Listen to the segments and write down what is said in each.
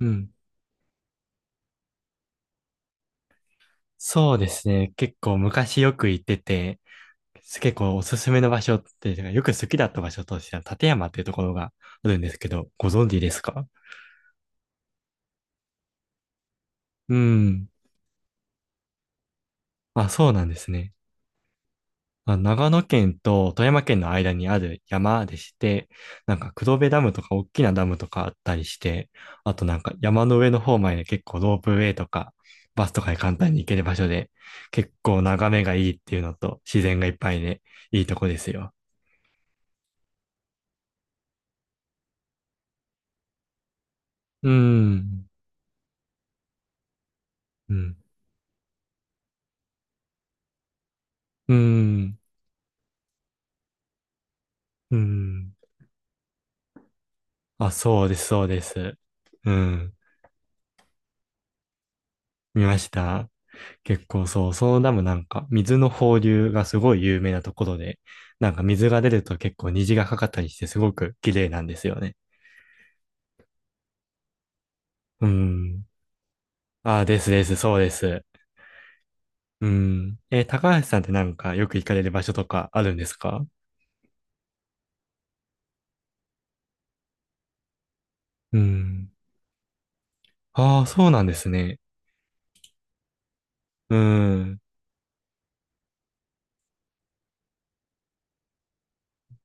うん。そうですね。結構昔よく行ってて、結構おすすめの場所っていうか、よく好きだった場所としては、立山っていうところがあるんですけど、ご存知ですか？うん。あ、そうなんですね。まあ、長野県と富山県の間にある山でして、なんか黒部ダムとか大きなダムとかあったりして、あとなんか山の上の方まで結構ロープウェイとか、バスとかで簡単に行ける場所で、結構眺めがいいっていうのと、自然がいっぱいで、いいとこですよ。うん。うん。うん。うん。あ、そうです、そうです。うん。見ました。結構そう、そのダムなんか、水の放流がすごい有名なところで、なんか水が出ると結構虹がかかったりして、すごく綺麗なんですよね。うん。あ、ですです、そうです。うん。高橋さんってなんかよく行かれる場所とかあるんですか？うん。ああ、そうなんですね。うん。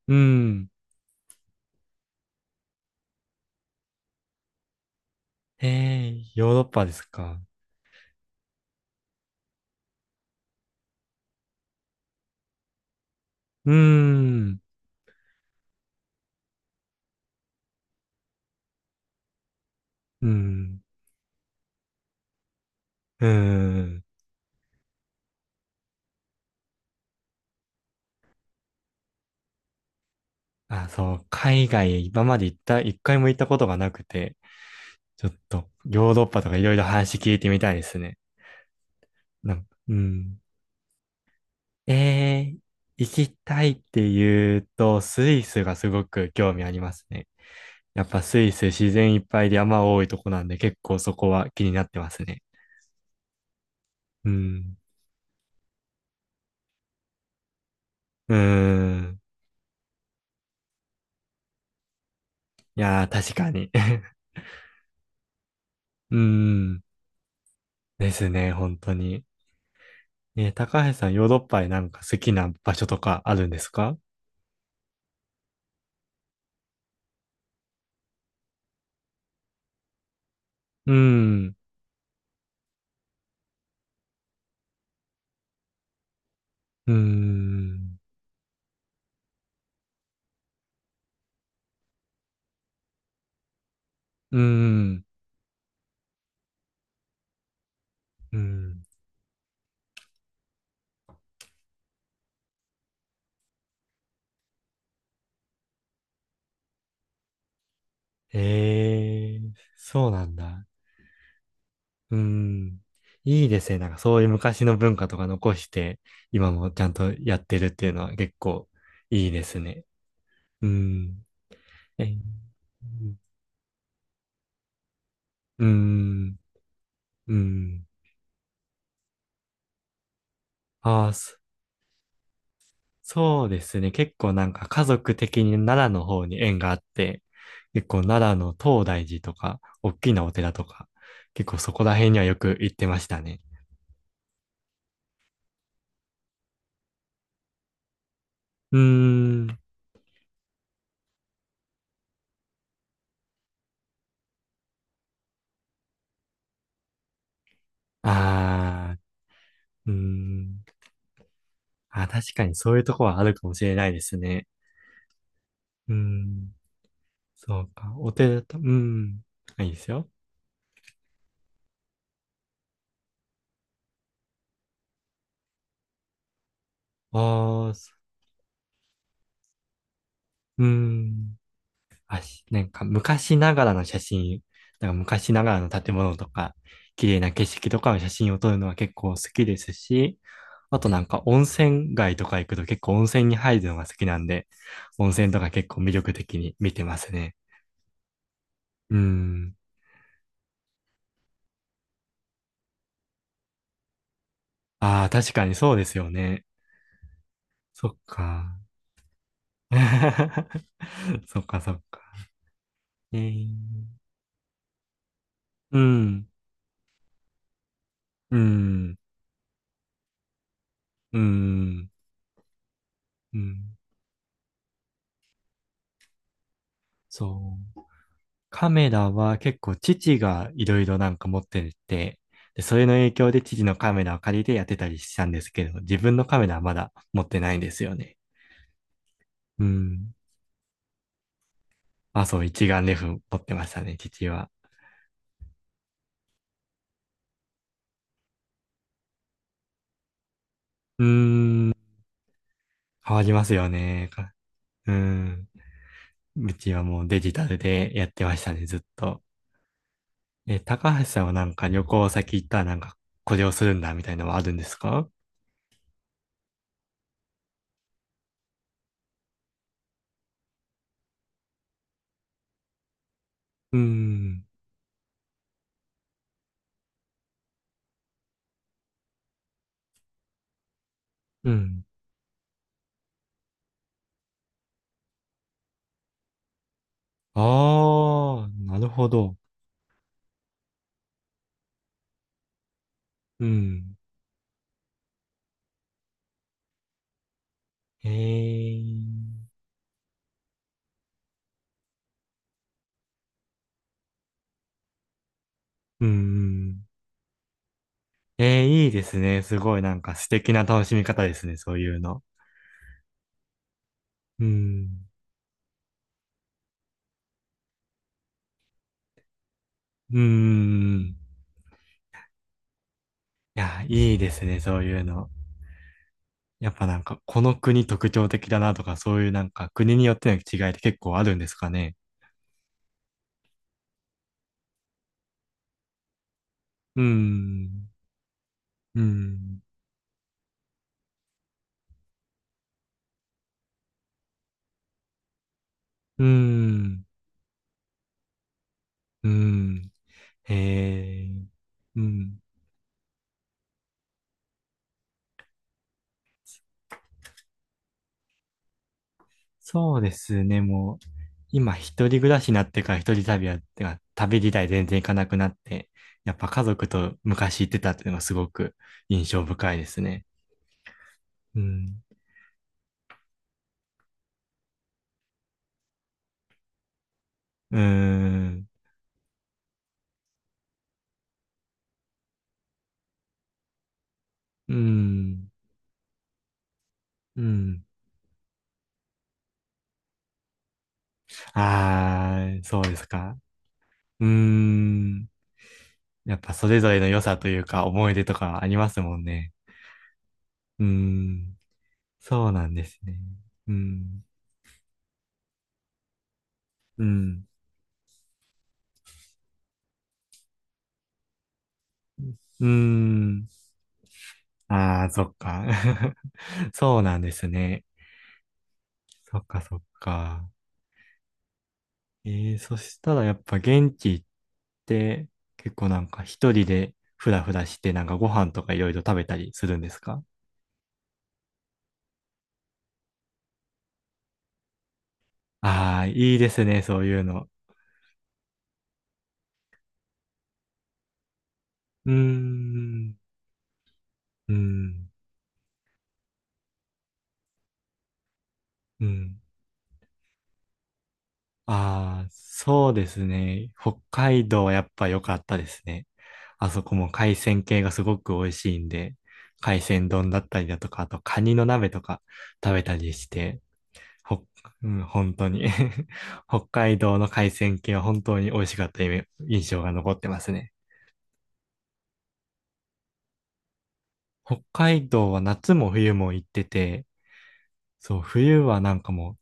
うん。ヨーロッパですか？うん。うん。うーん。あ、そう、海外今まで行った、一回も行ったことがなくて、ちょっとヨーロッパとかいろいろ話聞いてみたいですね。なんか、うん。えー、行きたいって言うと、スイスがすごく興味ありますね。やっぱスイス自然いっぱいで山多いとこなんで結構そこは気になってますね。うん。うーん。いやー、確かに。うーん。ですね、本当に。高橋さん、ヨーロッパでなんか好きな場所とかあるんですか？うん、うん、うん、うん。ええ、そうなんだ。うん。いいですね。なんかそういう昔の文化とか残して、今もちゃんとやってるっていうのは結構いいですね。うん。え、うん、うん。うん。ああ、そうですね。結構なんか家族的に奈良の方に縁があって、結構奈良の東大寺とか、大きなお寺とか、結構そこら辺にはよく行ってましたね。うーん。あー、うーん。あ、確かにそういうとこはあるかもしれないですね。うーん。そうか。お寺と、うーん。あ、いいですよ。あー、うーん。なんか昔ながらの写真、なんか昔ながらの建物とか、綺麗な景色とかの写真を撮るのは結構好きですし、あとなんか温泉街とか行くと結構温泉に入るのが好きなんで、温泉とか結構魅力的に見てますね。うーん。ああ、確かにそうですよね。そっか。そっかそっか。えー、うん、うん、うん、うん、そう。カメラは結構父がいろいろなんか持ってて、で、それの影響で父のカメラを借りてやってたりしたんですけど、自分のカメラはまだ持ってないんですよね。うん。あ、そう、一眼レフ持ってましたね、父は。うーん。変わりますよね。か、うん。うちはもうデジタルでやってましたね、ずっと。え、高橋さんはなんか旅行先行ったらなんかこれをするんだみたいなのはあるんですか？うん。うん。ああ、なるほど。うん。へえ、うん、うん、いいですね。すごいなんか素敵な楽しみ方ですね、そういうの。うん、うん。いや、いいですね、そういうの。やっぱなんか、この国特徴的だなとか、そういうなんか国によっての違いって結構あるんですかね？うん、うん、うん。うん。へえ、うん。そうですね、もう、今一人暮らしになってから一人旅は、てか旅自体全然行かなくなって、やっぱ家族と昔行ってたっていうのがすごく印象深いですね。うん。うーん。うーん。うん。あー、そうですか。うーん。やっぱそれぞれの良さというか思い出とかありますもんね。うーん。そうなんですね。うん。うん。うーん。あー、そっか。そうなんですね。そっかそっか。えー、そしたらやっぱ現地行って結構なんか一人でふらふらしてなんかご飯とかいろいろ食べたりするんですか？ああー、いいですね、そういうの。うーん、うん、うん。ああ、そうですね。北海道はやっぱ良かったですね。あそこも海鮮系がすごく美味しいんで、海鮮丼だったりだとか、あとカニの鍋とか食べたりして、ほ、うん、本当に。 北海道の海鮮系は本当に美味しかった印象が残ってますね。北海道は夏も冬も行ってて、そう、冬はなんかもう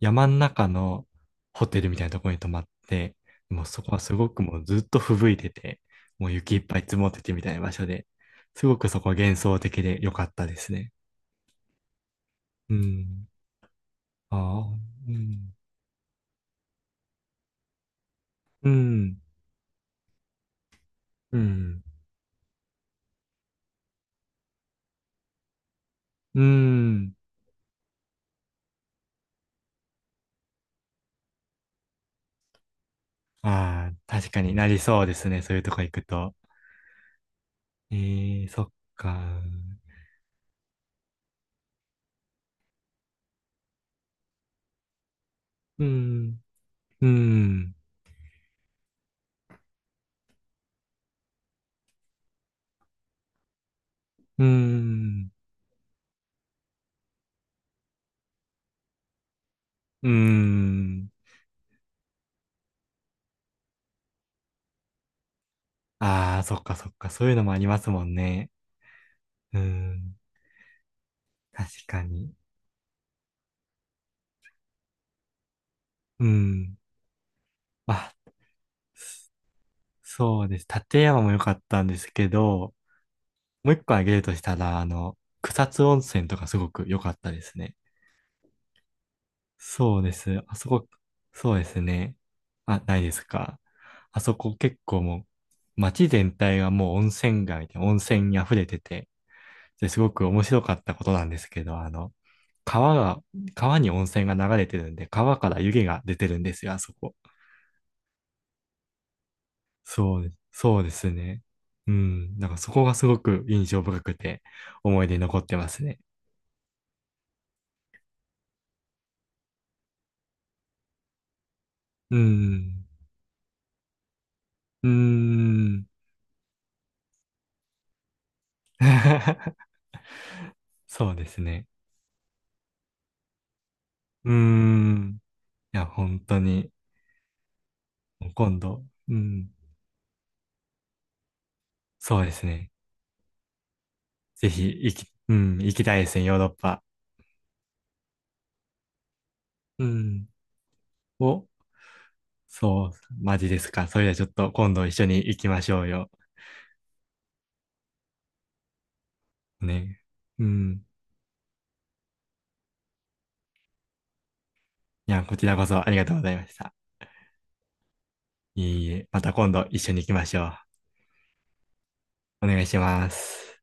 山ん中のホテルみたいなところに泊まって、もうそこはすごくもうずっと吹雪いてて、もう雪いっぱい積もっててみたいな場所で、すごくそこは幻想的で良かったですね。うん。ああ、うん。うん。うん。うん。ああ、確かになりそうですね、そういうとこ行くと。ええ、そっか。うん、うん、うん、うん。ああ、そっかそっか。そういうのもありますもんね。うん、確かに。うん。あ、そうです。立山も良かったんですけど、もう一個挙げるとしたら、あの、草津温泉とかすごく良かったですね。そうです。あそこ、そうですね。あ、ないですか。あそこ結構もう、街全体がもう温泉街で温泉に溢れてて、ですごく面白かったことなんですけど、あの、川が、川に温泉が流れてるんで、川から湯気が出てるんですよ、あそこ。そうです、そうですね。うん、なんかそこがすごく印象深くて、思い出に残ってますね。うん、うーん。そうですね。うーん。いや、本当に、もう今度、うん、そうですね。ぜひ、行き、うん、行きたいですね、ヨーロッパ。うん、お、そう、マジですか？それではちょっと今度一緒に行きましょうよ。ね。うん。いや、こちらこそありがとうございました。いえいえ、また今度一緒に行きましょう。お願いします。